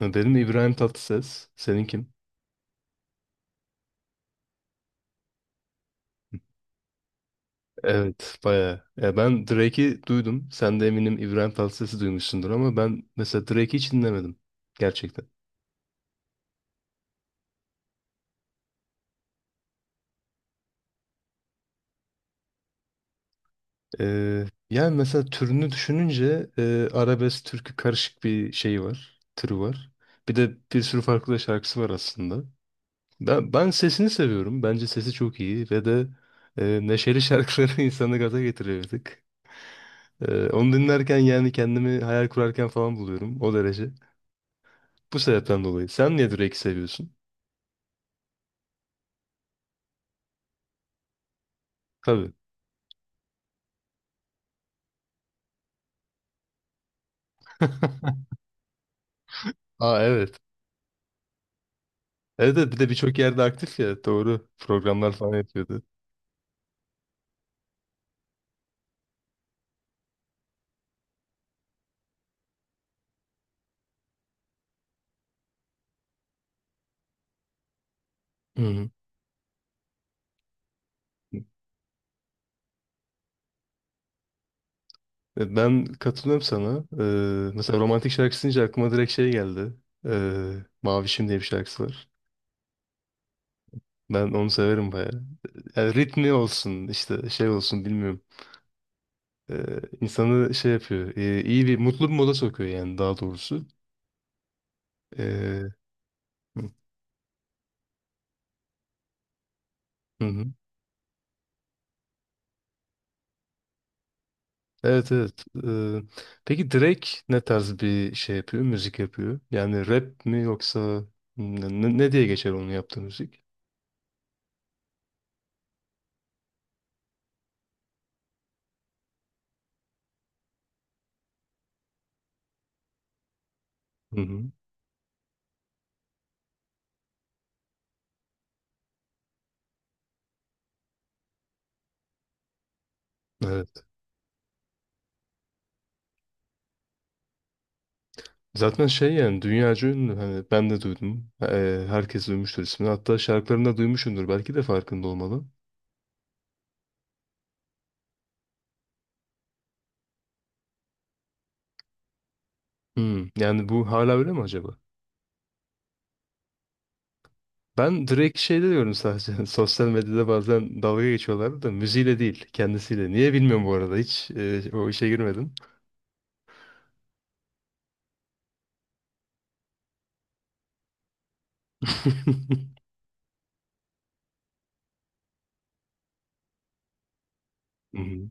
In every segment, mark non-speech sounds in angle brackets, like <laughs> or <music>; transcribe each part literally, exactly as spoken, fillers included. Benim İbrahim Tatlıses. Senin kim? Evet, bayağı. Ya ben Drake'i duydum. Sen de eminim İbrahim Tatlıses'i duymuşsundur ama ben mesela Drake'i hiç dinlemedim. Gerçekten. Ee, yani mesela türünü düşününce e, arabesk türkü karışık bir şeyi var. Türü var. Bir de bir sürü farklı da şarkısı var aslında. Ben, ben sesini seviyorum. Bence sesi çok iyi ve de e, neşeli şarkıları <laughs> insanı gaza getiriyor bir tık. Ee, onu dinlerken yani kendimi hayal kurarken falan buluyorum. O derece. Bu sebepten dolayı. Sen niye Drake'i seviyorsun? Tabii. <laughs> Aa, evet. Evet, evet, bir de birçok yerde aktif ya. Doğru. Programlar falan yapıyordu. Hı hı. E, Ben katılıyorum sana. Ee, mesela romantik şarkı deyince aklıma direkt şey geldi. Ee, Mavişim diye bir şarkısı var. Ben onu severim bayağı. Yani ritmi olsun işte şey olsun bilmiyorum. Ee, insanı şey yapıyor. e, iyi bir, mutlu bir moda sokuyor yani, daha doğrusu. Ee, hı hı. Evet, evet. Ee, peki Drake ne tarz bir şey yapıyor? Müzik yapıyor. Yani rap mi yoksa ne, ne- ne diye geçer onun yaptığı müzik? Hı hı. Evet. Zaten şey yani, dünyaca ünlü. Hani ben de duydum. Ee, herkes duymuştur ismini. Hatta şarkılarını da duymuşsundur. Belki de farkında olmalı. Hmm. Yani bu hala öyle mi acaba? Ben Drake şeyde diyorum sadece. <laughs> Sosyal medyada bazen dalga geçiyorlardı da, müziğiyle değil, kendisiyle. Niye bilmiyorum bu arada. Hiç e, o işe girmedim. <laughs> Hı hı.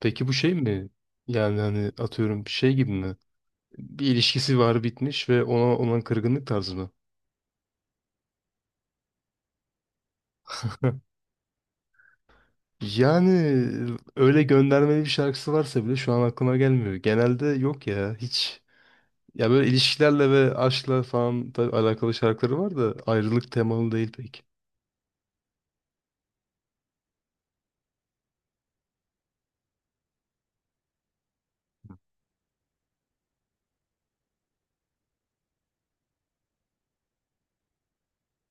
Peki bu şey mi? Yani hani atıyorum şey gibi mi? Bir ilişkisi var, bitmiş ve ona olan kırgınlık tarzı mı? <laughs> Yani öyle göndermeli bir şarkısı varsa bile şu an aklıma gelmiyor. Genelde yok ya, hiç. Ya böyle ilişkilerle ve aşkla falan tabii alakalı şarkıları var da, ayrılık temalı değil pek.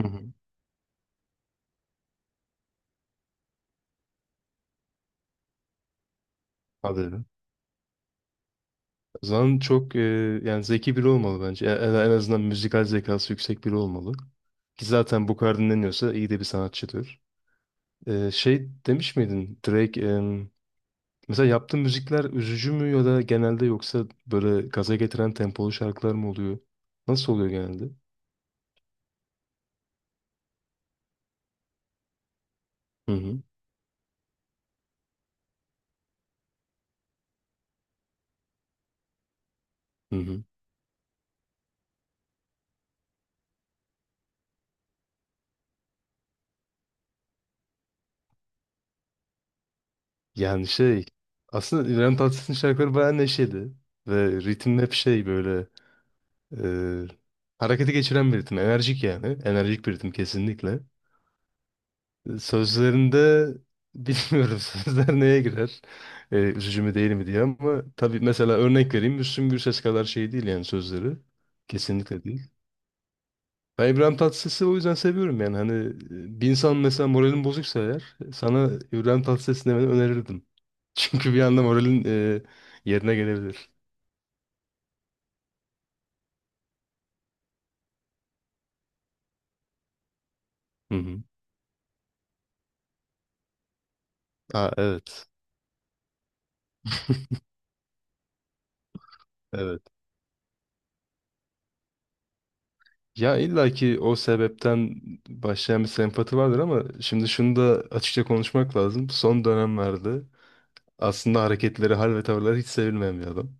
Hı hı. Hadi, öyle. O zaman çok e, yani zeki biri olmalı bence. En, en en azından müzikal zekası yüksek biri olmalı. Ki zaten bu kadar dinleniyorsa iyi de bir sanatçıdır. Ee, şey demiş miydin Drake em, mesela yaptığı müzikler üzücü mü ya da genelde, yoksa böyle gaza getiren tempolu şarkılar mı oluyor? Nasıl oluyor genelde? Hı hı. Hı hı. Yani şey, aslında İbrahim Tatlıses'in şarkıları bayağı neşeli ve ritim hep şey böyle e, harekete geçiren bir ritim. Enerjik yani. Enerjik bir ritim kesinlikle. Sözlerinde bilmiyorum <laughs> sözler neye girer. Ee, üzücü mü değil mi diye, ama tabii mesela örnek vereyim, Müslüm Gürses kadar şey değil yani sözleri. Kesinlikle değil. Ben İbrahim Tatlıses'i o yüzden seviyorum yani hani e, bir insan, mesela moralin bozuksa eğer, e, sana İbrahim Tatlıses dinlemeni önerirdim. <laughs> Çünkü bir anda moralin e, yerine gelebilir. Hı hı. Ha, evet. Evet. Ya illa ki o sebepten başlayan bir sempati vardır ama şimdi şunu da açıkça konuşmak lazım. Son dönemlerde aslında hareketleri, hal ve tavırları hiç sevilmeyen bir adam.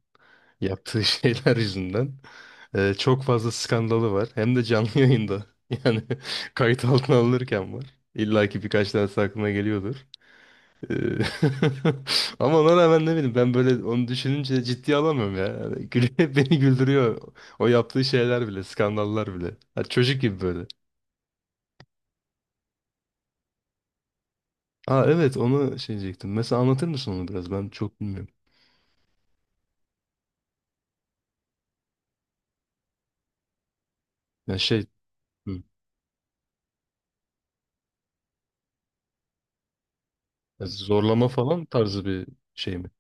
Yaptığı <laughs> şeyler yüzünden. Ee, çok fazla skandalı var. Hem de canlı yayında. <laughs> Yani kayıt altına alınırken var. İlla ki birkaç tanesi aklına geliyordur. Ee, <laughs> Ama ona rağmen ne bileyim ben, böyle onu düşününce ciddiye alamıyorum ya. Yani gül- <laughs> beni güldürüyor. O yaptığı şeyler bile, skandallar bile. Ha, çocuk gibi böyle. Aa, evet, onu şey diyecektim. Mesela anlatır mısın onu biraz? Ben çok bilmiyorum. Ya şey, hı, ya zorlama falan tarzı bir şey mi?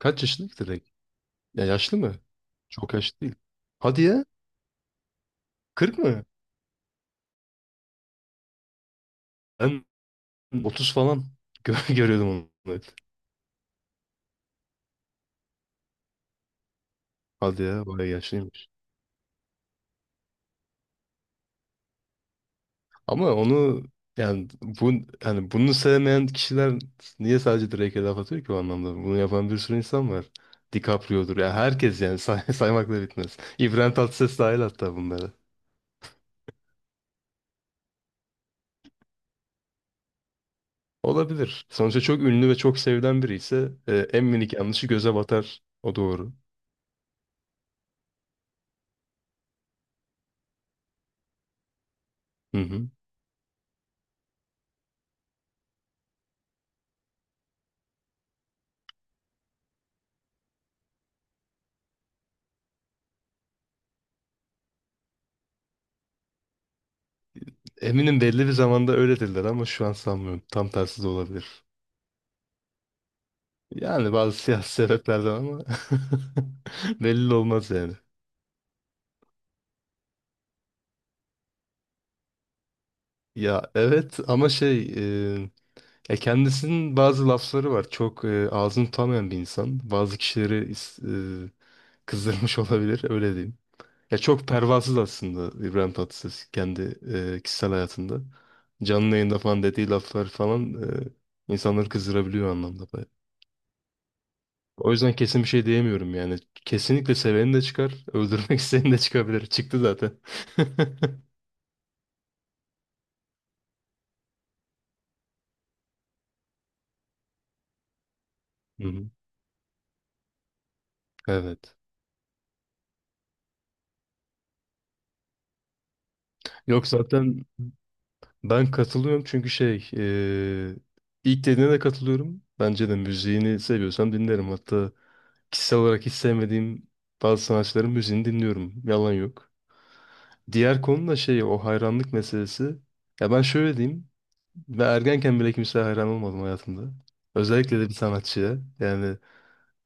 Kaç yaşında ki direkt? Ya yaşlı mı? Çok yaşlı değil. Hadi ya. Kırk mı? Ben otuz falan <laughs> gö- görüyordum onu, hep. Hadi ya, bayağı yaşlıymış. Ama onu, yani bu yani bunu sevmeyen kişiler niye sadece Drake'e laf atıyor ki o anlamda? Bunu yapan bir sürü insan var. DiCaprio'dur. Ya herkes yani say <laughs> saymakla bitmez. İbrahim Tatlıses dahil hatta bunlara. Olabilir. Sonuçta çok ünlü ve çok sevilen biri ise e, en minik yanlışı göze batar. O doğru. Hı hı. Eminim belli bir zamanda öyle dediler ama şu an sanmıyorum. Tam tersi de olabilir. Yani bazı siyasi sebeplerden ama <laughs> belli de olmaz yani. Ya evet, ama şey, e, ya kendisinin bazı lafları var. Çok, e, ağzını tutamayan bir insan. Bazı kişileri is- e, kızdırmış <laughs> olabilir, öyle diyeyim. Ya çok pervasız aslında İbrahim Tatlıses kendi e, kişisel hayatında. Canlı yayında falan dediği laflar falan e, insanları kızdırabiliyor o anlamda. O yüzden kesin bir şey diyemiyorum yani. Kesinlikle seveni de çıkar, <laughs> öldürmek isteyeni de çıkabilir. Çıktı zaten. <laughs> Hı hı. Evet. Yok zaten ben katılıyorum, çünkü şey, eee, ilk dediğine de katılıyorum. Bence de müziğini seviyorsam dinlerim. Hatta kişisel olarak hiç sevmediğim bazı sanatçıların müziğini dinliyorum. Yalan yok. Diğer konu da şey, o hayranlık meselesi. Ya ben şöyle diyeyim. Ve ergenken bile kimseye hayran olmadım hayatımda. Özellikle de bir sanatçıya. Yani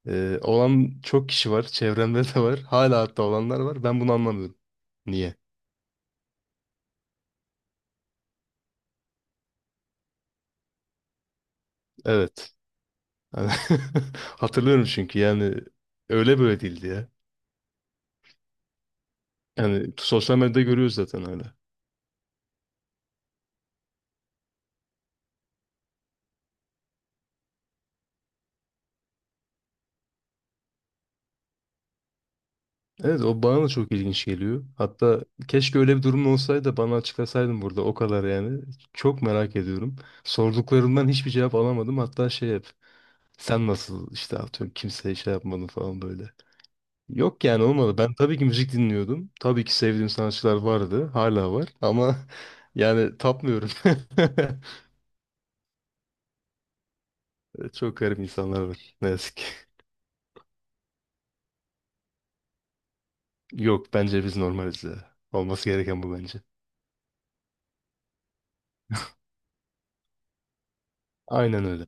Ee, olan çok kişi var. Çevremde de var. Hala hatta olanlar var. Ben bunu anlamıyorum. Niye? Evet. Yani <laughs> hatırlıyorum çünkü yani öyle böyle değildi ya. Yani sosyal medyada görüyoruz zaten öyle. Evet, o bana da çok ilginç geliyor. Hatta keşke öyle bir durum olsaydı da bana açıklasaydın burada, o kadar yani. Çok merak ediyorum. Sorduklarımdan hiçbir cevap alamadım. Hatta şey, hep sen nasıl işte atıyorum kimseye şey yapmadın falan böyle. Yok yani, olmadı. Ben tabii ki müzik dinliyordum. Tabii ki sevdiğim sanatçılar vardı. Hala var. Ama <laughs> yani tapmıyorum. <laughs> Çok garip insanlar var. Ne yazık ki. Yok bence biz normaliz ya. Olması gereken bu bence. Aynen öyle.